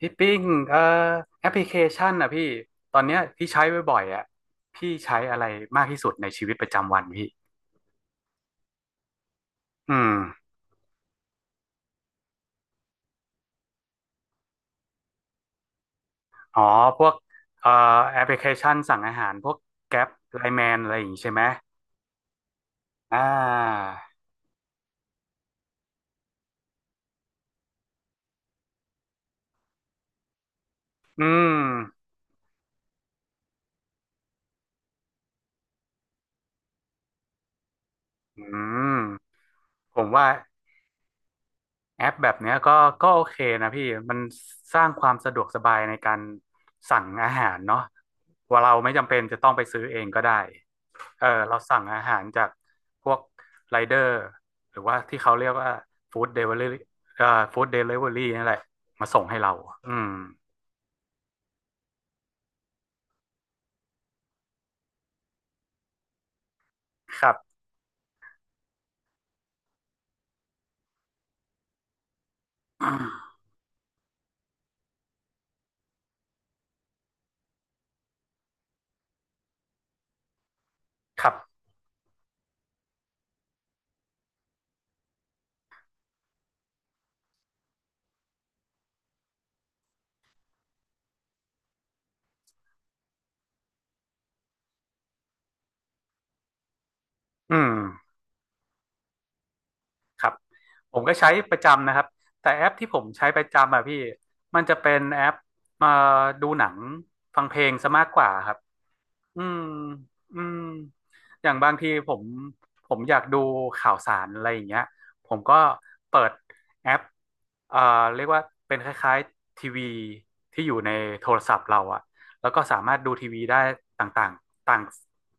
พี่ปิ้งเอ่อแอปพลิเคชันอ่ะพี่ตอนเนี้ยพี่ใช้บ่อยๆอ่ะพี่ใช้อะไรมากที่สุดในชีวิตประจำวันพี่อืมอ๋อพวกเอ่อแอปพลิเคชันสั่งอาหารพวกแกร็ปไลแมนอะไรอย่างงี้ใช่ไหมอ่าอืมอืมผมว่าแอปแบบเนี้ยก็โอเคนะพี่มันสร้างความสะดวกสบายในการสั่งอาหารเนาะว่าเราไม่จำเป็นจะต้องไปซื้อเองก็ได้ เออเราสั่งอาหารจากพวกไรเดอร์หรือว่าที่เขาเรียกว่าฟู้ดเดลิเวอรี่เอ่อฟู้ดเดลิเวอรี่นั่นแหละมาส่งให้เราอืมครับ ครับอืมผมก็ใช้ประจำนะครับแต่แอปที่ผมใช้ประจำอะพี่มันจะเป็นแอปมาดูหนังฟังเพลงซะมากกว่าครับ อืมอืมอย่างบางทีผมอยากดูข่าวสารอะไรอย่างเงี้ยผมก็เปิดแอปเอ่อเรียกว่าเป็นคล้ายๆทีวีที่อยู่ในโทรศัพท์เราอะแล้วก็สามารถดูทีวีได้ต่างๆต่าง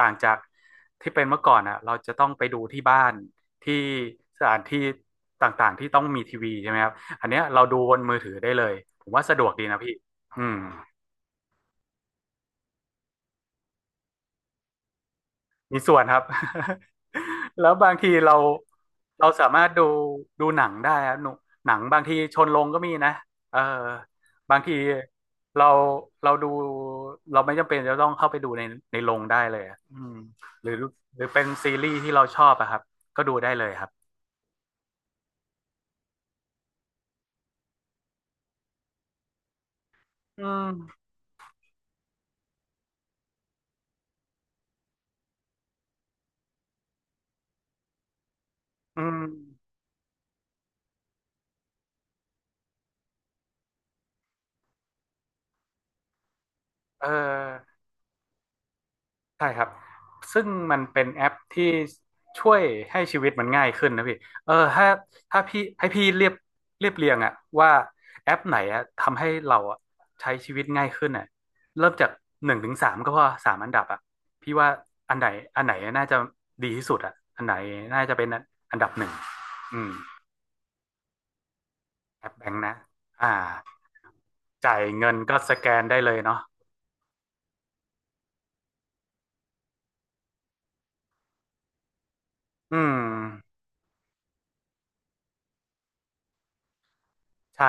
ต่างจากที่เป็นเมื่อก่อนอะเราจะต้องไปดูที่บ้านที่สถานที่ต่างๆที่ต้องมีทีวีใช่ไหมครับอันเนี้ยเราดูบนมือถือได้เลยผมว่าสะดวกดีนะพี่อืม มีส่วนครับ แล้วบางทีเราสามารถดูหนังได้ครับหนุหนังบางทีชนลงก็มีนะเออบางทีเราเราดูเราไม่จำเป็นจะต้องเข้าไปดูในในโรงได้เลยอะอืมหรือหรือเป็นซีรีส์ที่เราชอบอะครับก็ดูได้เลยครับอืมอืมเออ ใช่ครับ ซึ่งมันเป็นแอปที่ช่วยให้ชีวิตมันง่ายขึ้นนะพี่ เออถ้าพี่ให้พี่เรียบเรียบเรียงอะว่าแอปไหนอะทำให้เราอะใช้ชีวิตง่ายขึ้นอะเริ่มจากหนึ่งถึงสามก็พอสามอันดับอะพี่ว่าอันไหนอันไหนน่าจะดีที่สุดอะอันไหนน่าจะเป็นอันดับหนึ่งอืมแอปแบงค์นะอ่าจ่ายเงินก็สแกนได้เลยเนาะอืมใช่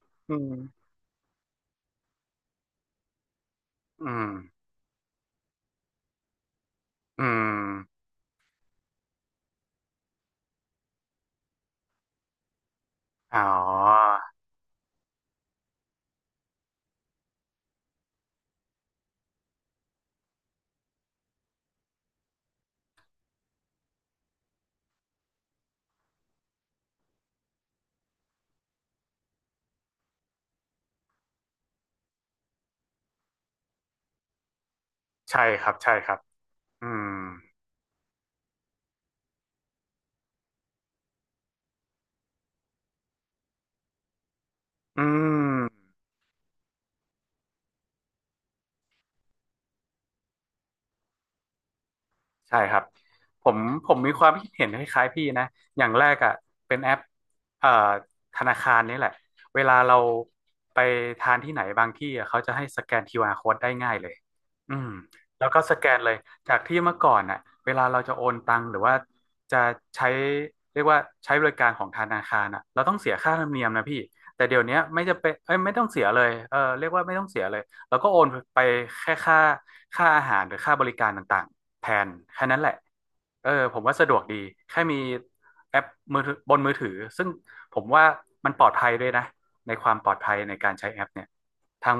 อืมอืมอืม อ๋อใช่ครับใช่ครับอืมอืมใช่ครับผมผมมีความคิดเห็นคล้ายๆพี่นะอย่างแรกอ่ะเป็นแอปเอ่อธนาคารนี่แหละเวลาเราไปทานที่ไหนบางที่อะเขาจะให้สแกนคิวอาร r code ได้ง่ายเลยอืมแล้วก็สแกนเลยจากที่เมื่อก่อนอ่ะเวลาเราจะโอนตังค์หรือว่าจะใช้เรียกว่าใช้บริการของธนาคารอ่ะเราต้องเสียค่าธรรมเนียมนะพี่แต่เดี๋ยวเนี้ยไม่จะเป็นเอ้ยไม่ต้องเสียเลยเออเรียกว่าไม่ต้องเสียเลย แล้วก็โอนไปแค่ค่าค่าอาหารหรือค่าบริการต่างๆแทนแค่นั้นแหละเออผมว่าสะดวกดีแค่มีแอปมือถือบนมือถือซึ่งผมว่ามันปลอดภัยด้วยนะในความปลอดภัยในการใช้แอปเนี่ยทาง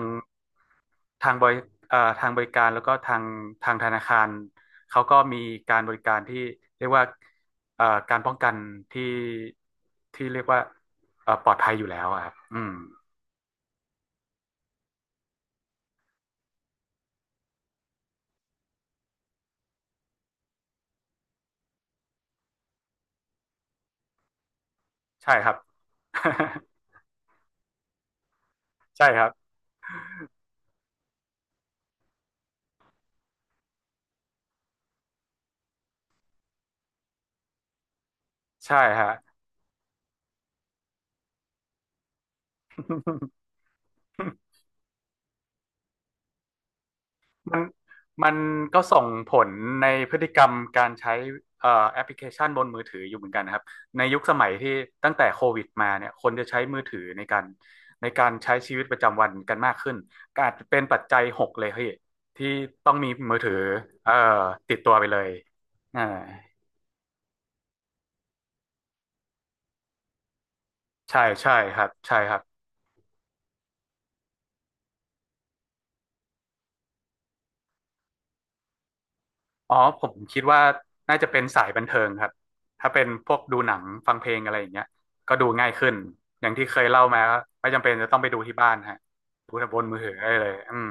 ทางบริทางบริการแล้วก็ทางธนาคารเขาก็มีการบริการที่เรียกว่าเอ่อการป้องกันที่ที่เรียกว่าปลอดภัยอยู่แล้วอะครับอืมใช่ครับ ใช่ครับ ใช่ฮะ มันมันก็ส่งผลในพฤติกรรมการใช้แอปพลิเคชันบนมือถืออยู่เหมือนกันนะครับในยุคสมัยที่ตั้งแต่โควิดมาเนี่ยคนจะใช้มือถือในการในการใช้ชีวิตประจำวันกันมากขึ้นก็อาจจะเป็นปัจจัยหกเลยพี่ที่ต้องมีมือถือเอ่อติดตัวไปเลยอ่าใช่ใช่ครับใช่ครับ อ๋อผมคิดว่าน่าจะเป็นสายบันเทิงครับถ้าเป็นพวกดูหนังฟังเพลงอะไรอย่างเงี้ยก็ดูง่ายขึ้นอย่างที่เคยเล่ามาก็ไม่จำเป็นจะต้องไปดูที่บ้านฮะดูบนมือถือได้เลยอืม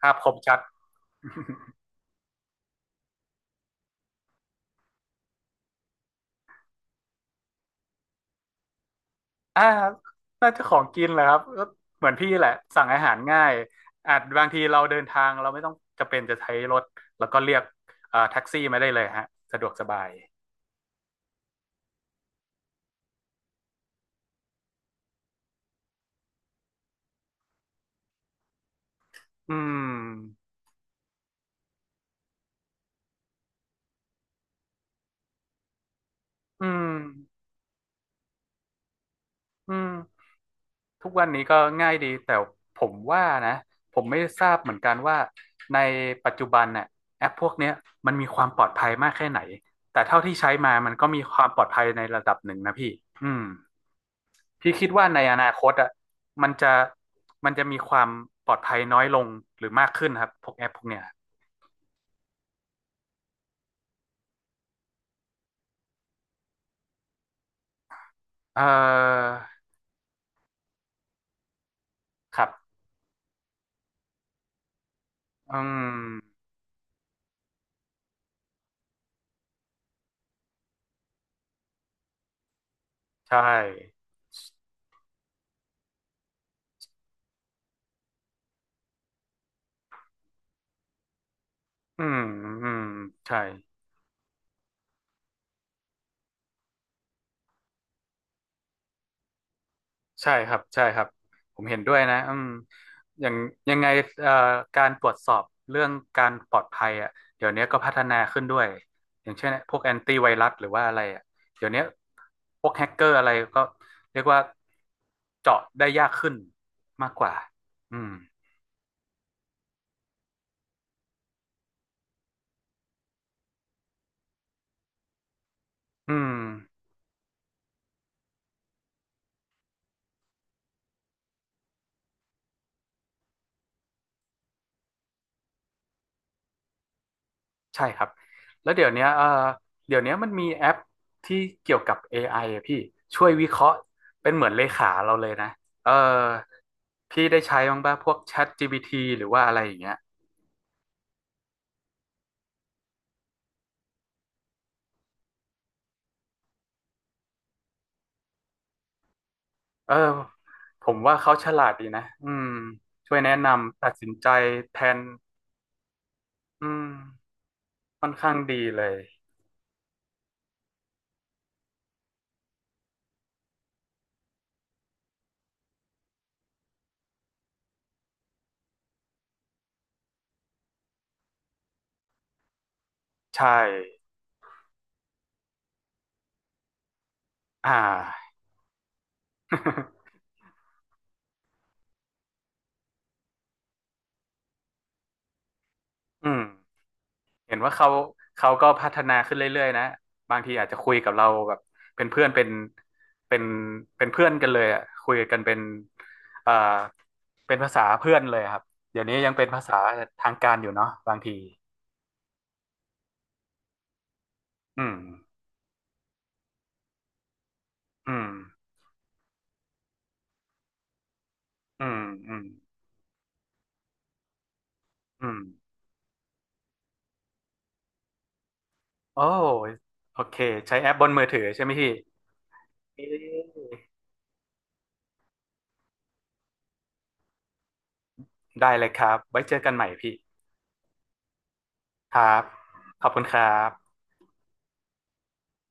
ภาพคมชัด อ่าน่าจะของกินแหละครับก็เหมือนพี่แหละสั่งอาหารง่ายอาจบางทีเราเดินทางเราไม่ต้องจำเป็นจะใช้รถแล้วก็เรียกแท็กซี่มาได้เลยฮะสะดวกสบายอืมอืมอืม ทุกวันนี้ก็ง่ายดีแต่ผมว่านะผมไม่ทราบเหมือนกันว่าในปัจจุบันน่ะแอปพวกเนี้ยมันมีความปลอดภัยมากแค่ไหนแต่เท่าที่ใช้มา มันก็มีความปลอดภัยในระดับหนึ่งนะพี่อืมพี่คิดว่าในอนาคตอ่ะมันจะมันจะมีความปลอดภัยน้อยลงหรือมากขึ้นครับพวกแอปพวกเนี้ยเออครับอืมใช่อืมอืมใช่ ใช่ครับใช่ครับผมเห็นด้วยนะอืมอย่างยังไงเอ่อการตรวจสอบเรื่องการปลอดภัยอ่ะเดี๋ยวนี้ก็พัฒนาขึ้นด้วยอย่างเช่นพวกแอนตี้ไวรัสหรือว่าอะไรอ่ะเดี๋ยวนี้พวกแฮกเกอร์อะไรก็เรียกว่าเจาะได้ยากขึ้นมากกว่าอืมอืม ใช่ครับแล้วเดี๋ยวเนี้ยเออเดี๋ยวเนี้ยมันมีแอปที่เกี่ยวกับ AI อไออะพี่ช่วยวิเคราะห์เป็นเหมือนเลขาเราเลยนะเออพี่ได้ใช้บ้างป่ะพวก ChatGPT หรือว่าอะไรอย่างเงี้ยเออผมว่าเขาฉลาดดีนะอืมช่วยแนะนำตัดสินใจแทนอืมค่อนข้างดีเลยใช่อ่า อืม เห็นว่าเขาก็พัฒนาขึ้นเรื่อยๆนะบางทีอาจจะคุยกับเราแบบเป็นเพื่อนเป็นเป็นเป็นเพื่อนกันเลยอ่ะคุยกันเป็นเอ่อเป็นภาษาเพื่อนเลยครับเดี๋ยวนี้ยังเป็นภาษาทางการอยู่เนาะบางทีอืมอืมอืมอืมอืมโอ้โอเคใช้แอปบนมือถือใช่ไหมพี่เอ๊ะได้เลยครับไว้เจอกันใหม่พี่ครับขอบคุณครับ